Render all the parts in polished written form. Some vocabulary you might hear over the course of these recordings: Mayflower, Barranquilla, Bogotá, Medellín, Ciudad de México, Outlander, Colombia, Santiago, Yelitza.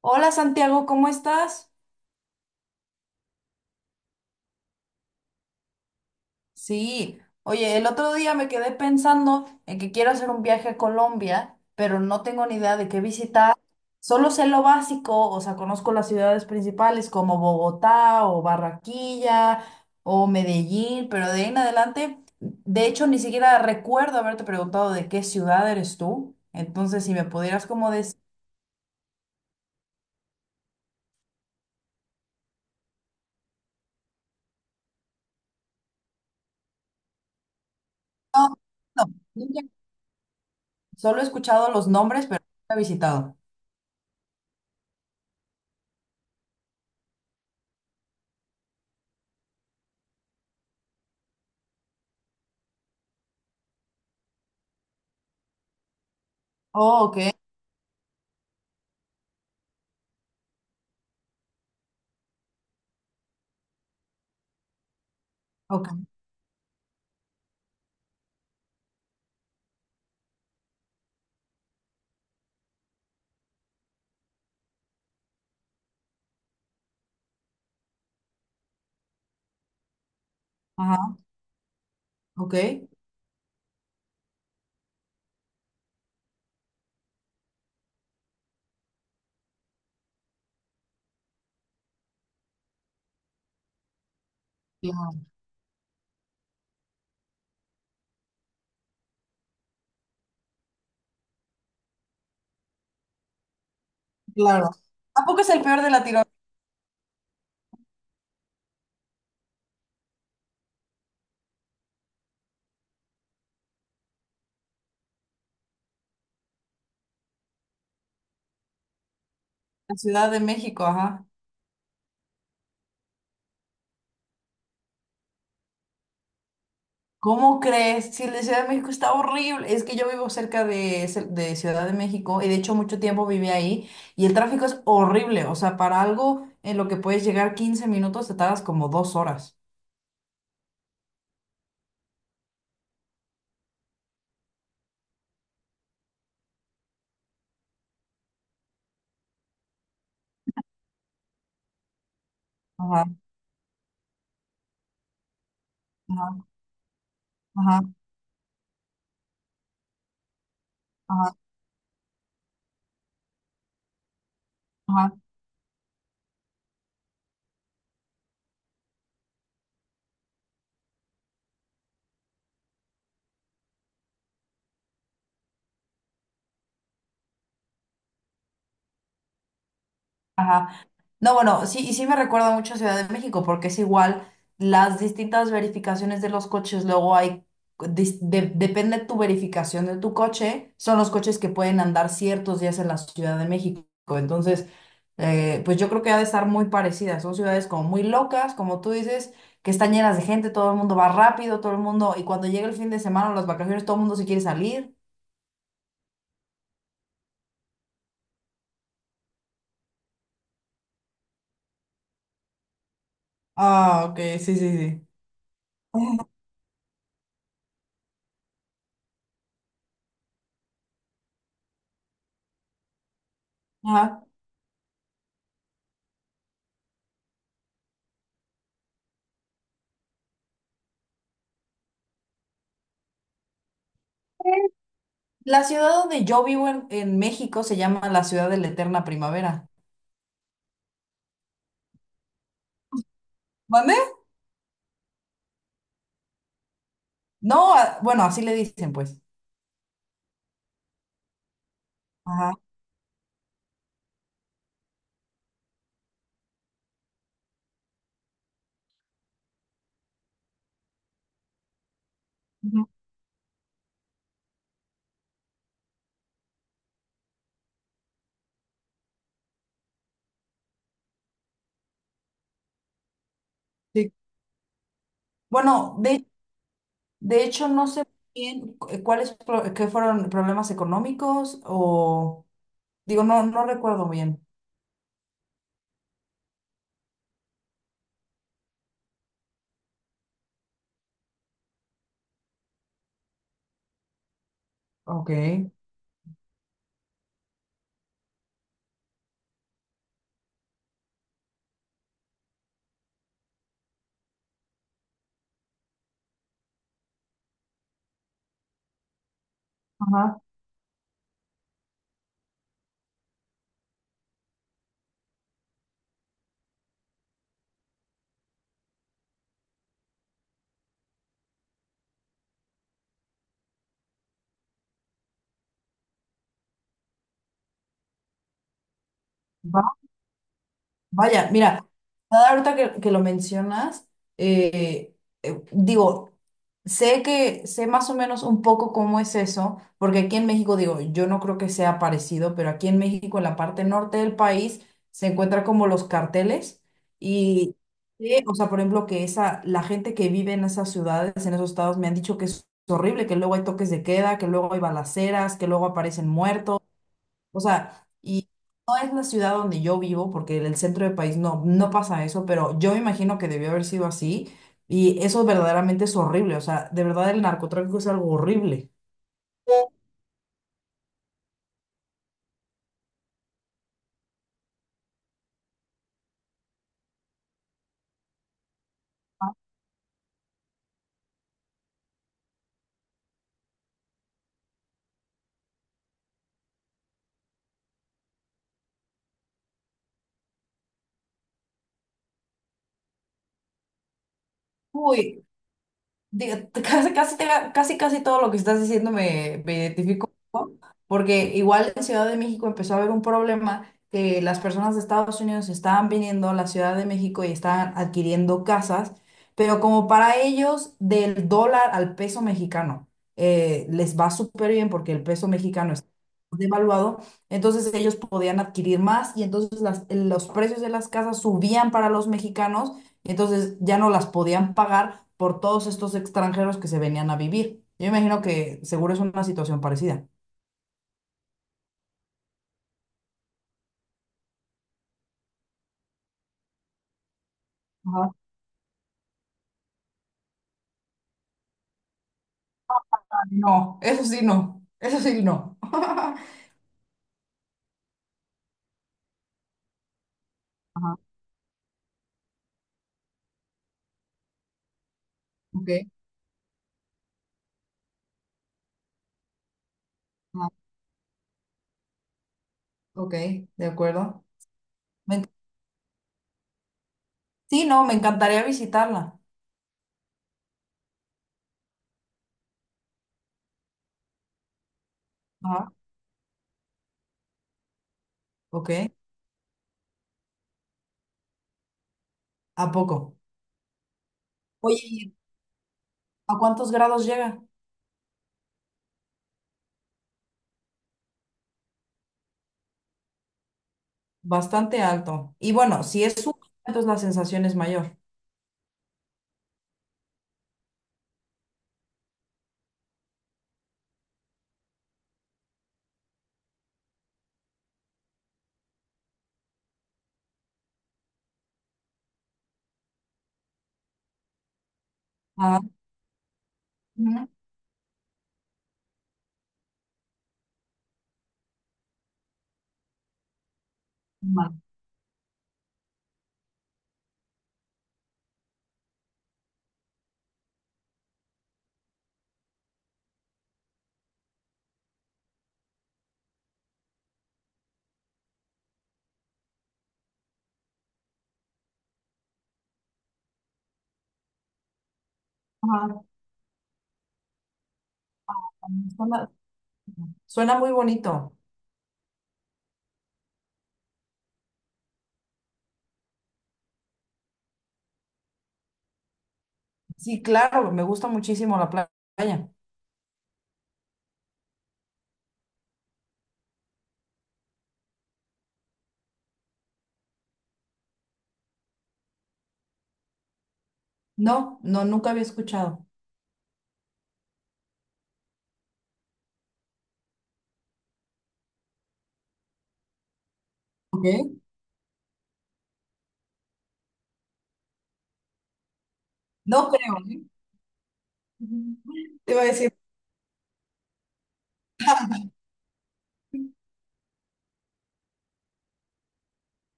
Hola Santiago, ¿cómo estás? Sí, oye, el otro día me quedé pensando en que quiero hacer un viaje a Colombia, pero no tengo ni idea de qué visitar. Solo sé lo básico, o sea, conozco las ciudades principales como Bogotá o Barranquilla o Medellín, pero de ahí en adelante, de hecho, ni siquiera recuerdo haberte preguntado de qué ciudad eres tú. Entonces, si me pudieras como decir... No, no, nunca- solo he escuchado los nombres, pero nunca he visitado. Oh, ok, ok, ajá. Ok, claro, claro. ¿A es el peor de Latinoamérica, la Ciudad de México? Ajá. ¿Cómo crees? Si la Ciudad de México está horrible. Es que yo vivo cerca de Ciudad de México, y de hecho mucho tiempo viví ahí y el tráfico es horrible. O sea, para algo en lo que puedes llegar 15 minutos te tardas como 2 horas. Ajá, ajá, ajá, ajá, ajá. Ajá. No, bueno, sí, y sí me recuerda mucho a Ciudad de México, porque es igual, las distintas verificaciones de los coches, luego depende tu verificación de tu coche, son los coches que pueden andar ciertos días en la Ciudad de México. Entonces, pues yo creo que ha de estar muy parecida. Son ciudades como muy locas, como tú dices, que están llenas de gente, todo el mundo va rápido, todo el mundo, y cuando llega el fin de semana o las vacaciones, todo el mundo se quiere salir. Ah, ok, sí, sí, sí. Ajá. La ciudad donde yo vivo en México se llama la ciudad de la eterna primavera. ¿Mande? No, bueno, así le dicen, pues. Ajá. Ujú. Sí. Bueno, de hecho, no sé bien cuáles qué fueron problemas económicos o digo, no recuerdo bien. Ok. Ajá. Vaya, mira, nada, ahorita que lo mencionas, eh, digo, sé que sé más o menos un poco cómo es eso, porque aquí en México, digo, yo no creo que sea parecido, pero aquí en México, en la parte norte del país, se encuentran como los carteles y, o sea, por ejemplo, que esa, la gente que vive en esas ciudades, en esos estados, me han dicho que es horrible, que luego hay toques de queda, que luego hay balaceras, que luego aparecen muertos. O sea, y no es la ciudad donde yo vivo, porque en el centro del país no, no pasa eso, pero yo me imagino que debió haber sido así. Y eso verdaderamente es horrible. O sea, de verdad el narcotráfico es algo horrible. Uy, digo, casi, casi, te- casi, casi todo lo que estás diciendo me, me identifico, ¿no? Porque igual en Ciudad de México empezó a haber un problema que las personas de Estados Unidos estaban viniendo a la Ciudad de México y estaban adquiriendo casas, pero como para ellos del dólar al peso mexicano les va súper bien porque el peso mexicano devaluado, entonces ellos podían adquirir más y entonces los precios de las casas subían para los mexicanos y entonces ya no las podían pagar por todos estos extranjeros que se venían a vivir. Yo imagino que seguro es una situación parecida. Ajá, no, eso sí no, eso sí no. Ajá, ok, ajá, ok, de acuerdo. Me enc- sí, no, me encantaría visitarla. Ajá. Ok, ¿a poco? Oye, ¿a cuántos grados llega? Bastante alto. Y bueno, si es un entonces la sensación es mayor. Ah, ujú, ma- ajá. Suena, suena muy bonito. Sí, claro, me gusta muchísimo la playa. No, no, nunca había escuchado. Ok. No creo, ¿eh? Ujú. Te iba a decir.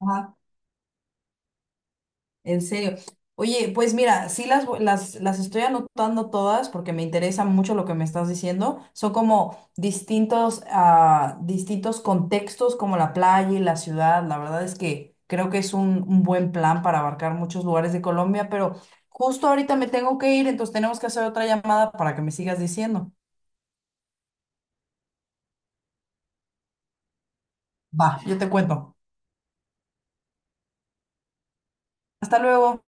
Ajá. En serio. Oye, pues mira, sí las estoy anotando todas porque me interesa mucho lo que me estás diciendo. Son como distintos, ah, distintos contextos como la playa y la ciudad. La verdad es que creo que es un buen plan para abarcar muchos lugares de Colombia, pero justo ahorita me tengo que ir, entonces tenemos que hacer otra llamada para que me sigas diciendo. Va, yo te cuento. Hasta luego.